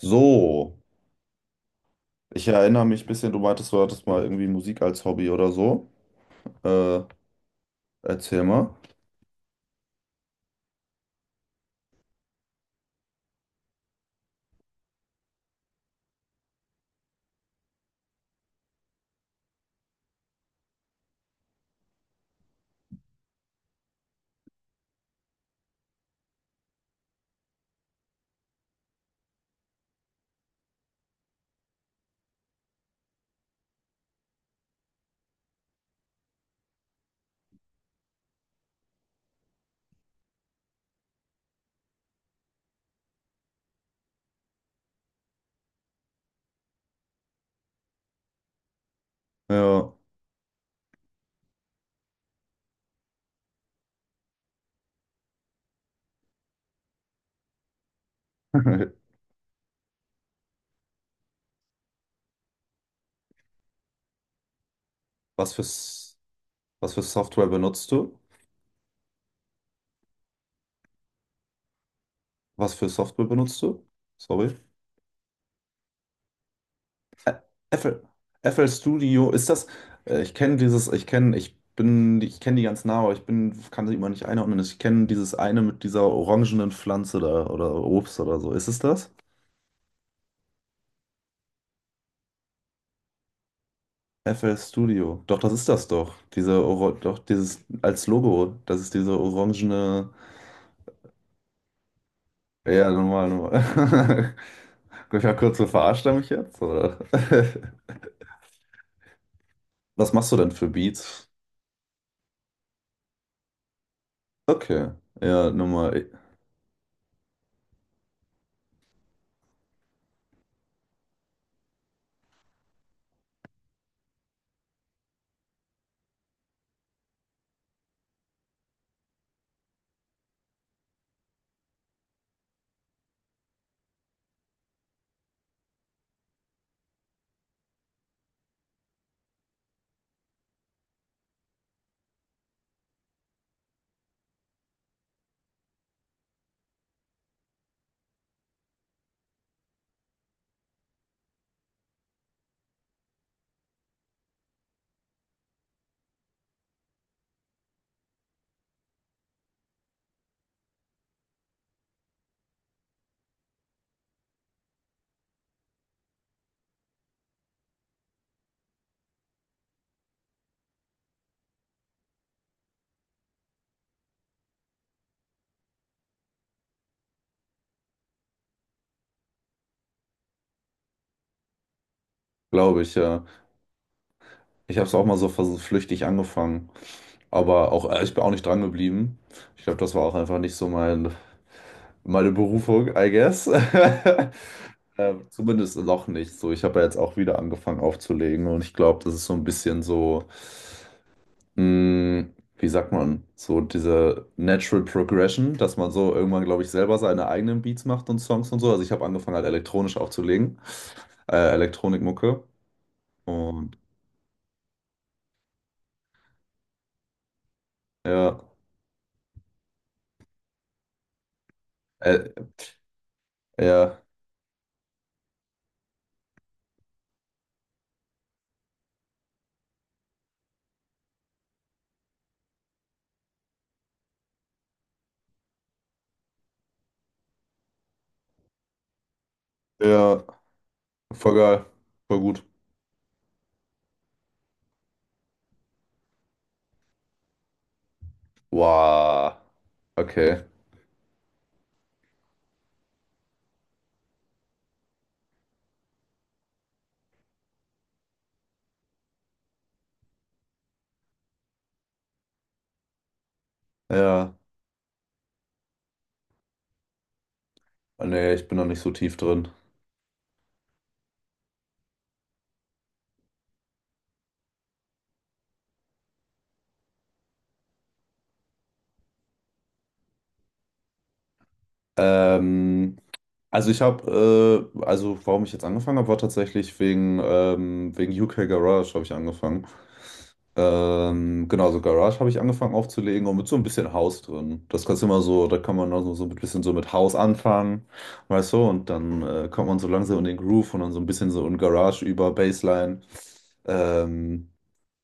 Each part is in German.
So, ich erinnere mich ein bisschen, du meintest, du hattest mal irgendwie Musik als Hobby oder so. Äh, Erzähl mal. Ja. Was für, S- Was für Software benutzt du? Was für Software benutzt du? Sorry. Ä- FL, FL Studio, ist das? Ich kenne dieses, ich kenne die ganz nah, aber kann sie immer nicht einordnen. Ich kenne dieses eine mit dieser orangenen Pflanze da oder Obst oder so. Ist es das? FL Studio. Doch, das ist das doch. Diese, Oro doch, dieses, Als Logo. Das ist diese orangene. Ja, normal, normal. Ich habe kurz so, verarscht er mich jetzt, oder? Was machst du denn für Beats? Okay. Ja, nochmal. Glaube ich, ja. Ich habe es auch mal so flüchtig angefangen. Aber auch, ich bin auch nicht dran geblieben. Ich glaube, das war auch einfach nicht so meine Berufung, I guess. Zumindest noch nicht so. Ich habe ja jetzt auch wieder angefangen aufzulegen, und ich glaube, das ist so ein bisschen so, mh, wie sagt man, so diese Natural Progression, dass man so irgendwann, glaube ich, selber seine eigenen Beats macht und Songs und so. Also ich habe angefangen halt elektronisch aufzulegen, Elektronikmucke, und ja, äh, ja, ja, voll geil, voll gut. Wow, okay, ja, nee, ich bin noch nicht so tief drin. Ähm, Also ich habe, also warum ich jetzt angefangen habe, war tatsächlich wegen UK Garage habe ich angefangen. Genau, so Garage habe ich angefangen aufzulegen, und mit so ein bisschen House drin. Das kannst du immer so, da kann man also so so ein bisschen so mit House anfangen, weißt du, und dann kommt man so langsam in den Groove und dann so ein bisschen so in Garage über Bassline. Ähm,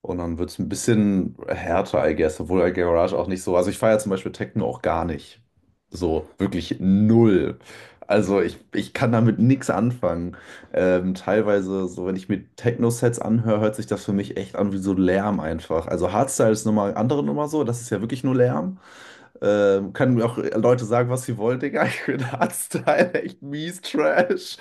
und dann wird es ein bisschen härter, I guess, obwohl I Garage auch nicht so. Also ich feiere zum Beispiel Techno auch gar nicht. So, wirklich null. Ich kann damit nichts anfangen. Teilweise, so wenn ich mir Techno-Sets anhöre, hört sich das für mich echt an wie so Lärm einfach. Also Hardstyle ist nochmal andere Nummer so, das ist ja wirklich nur Lärm. Können mir auch Leute sagen, was sie wollen, Digga. Ich finde Hardstyle echt mies Trash.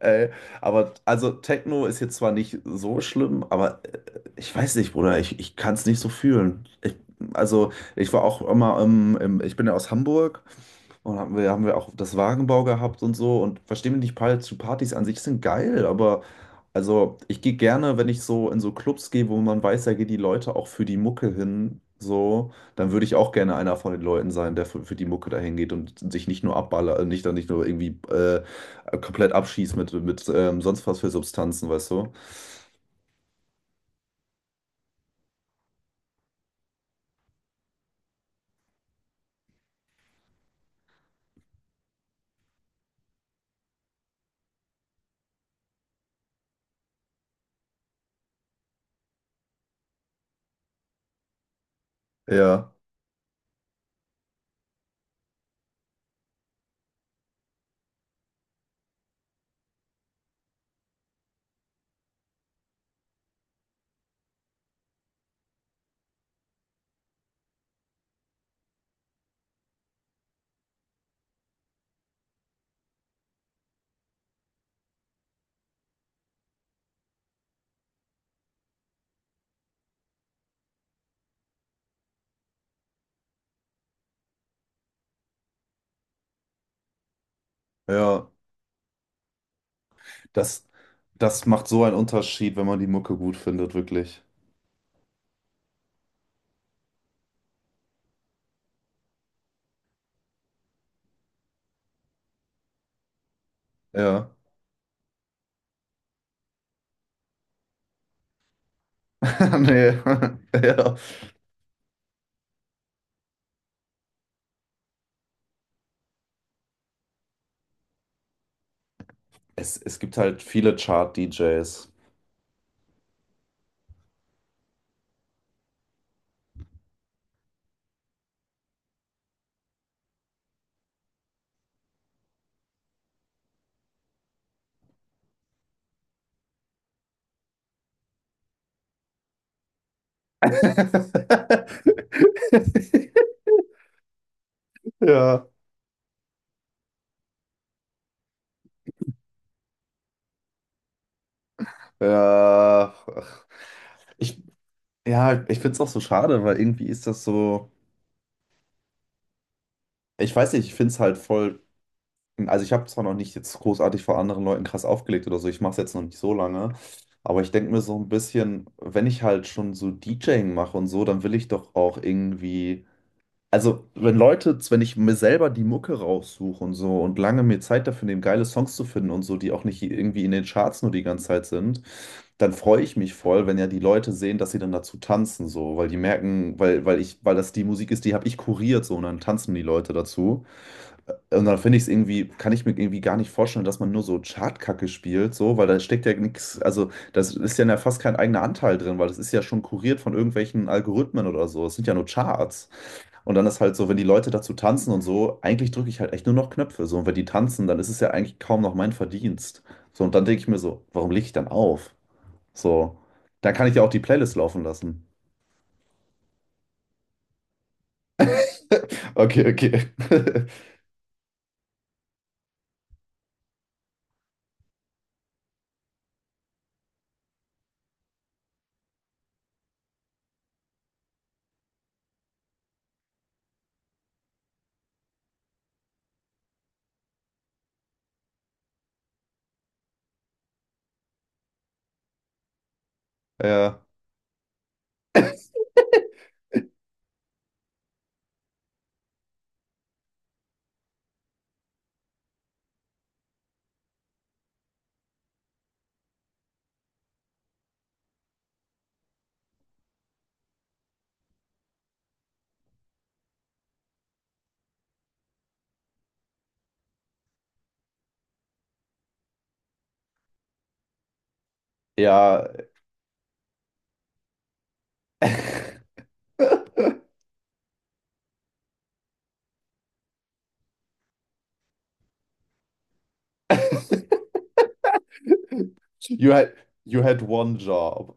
Ey, aber also Techno ist jetzt zwar nicht so schlimm, aber ich weiß nicht, Bruder, ich kann es nicht so fühlen. Ich, also ich war auch immer, ich bin ja aus Hamburg, und haben wir auch das Wagenbau gehabt und so. Und versteh mich nicht falsch, zu Partys an sich sind geil, aber also ich gehe gerne, wenn ich so in so Clubs gehe, wo man weiß, da gehen die Leute auch für die Mucke hin, so, dann würde ich auch gerne einer von den Leuten sein, der für die Mucke dahin geht und sich nicht nur abballert, nicht nur irgendwie komplett abschießt mit sonst was für Substanzen, weißt du? Ja, ja. Das, das macht so einen Unterschied, wenn man die Mucke gut findet, wirklich. Ja. Nee. Ja. Es gibt halt viele Chart-DJs. Ja, ja. Ach. Ich, ja, ich finde es auch so schade, weil irgendwie ist das so. Ich weiß nicht, ich finde es halt voll. Also, ich habe zwar noch nicht jetzt großartig vor anderen Leuten krass aufgelegt oder so, ich mache es jetzt noch nicht so lange, aber ich denke mir so ein bisschen, wenn ich halt schon so DJing mache und so, dann will ich doch auch irgendwie. Also, wenn Leute, wenn ich mir selber die Mucke raussuche und so und lange mir Zeit dafür nehme, geile Songs zu finden und so, die auch nicht irgendwie in den Charts nur die ganze Zeit sind, dann freue ich mich voll, wenn ja die Leute sehen, dass sie dann dazu tanzen, so, weil die merken, weil das die Musik ist, die habe ich kuriert, so, und dann tanzen die Leute dazu. Und dann finde ich es irgendwie, kann ich mir irgendwie gar nicht vorstellen, dass man nur so Chartkacke spielt, so, weil da steckt ja nichts, also das ist ja fast kein eigener Anteil drin, weil das ist ja schon kuriert von irgendwelchen Algorithmen oder so. Es sind ja nur Charts. Und dann ist halt so, wenn die Leute dazu tanzen und so, eigentlich drücke ich halt echt nur noch Knöpfe. So, und wenn die tanzen, dann ist es ja eigentlich kaum noch mein Verdienst. So, und dann denke ich mir so, warum lege ich dann auf? So, dann kann ich ja auch die Playlist laufen lassen. Okay, okay. Ja, ja. You had, You had one job.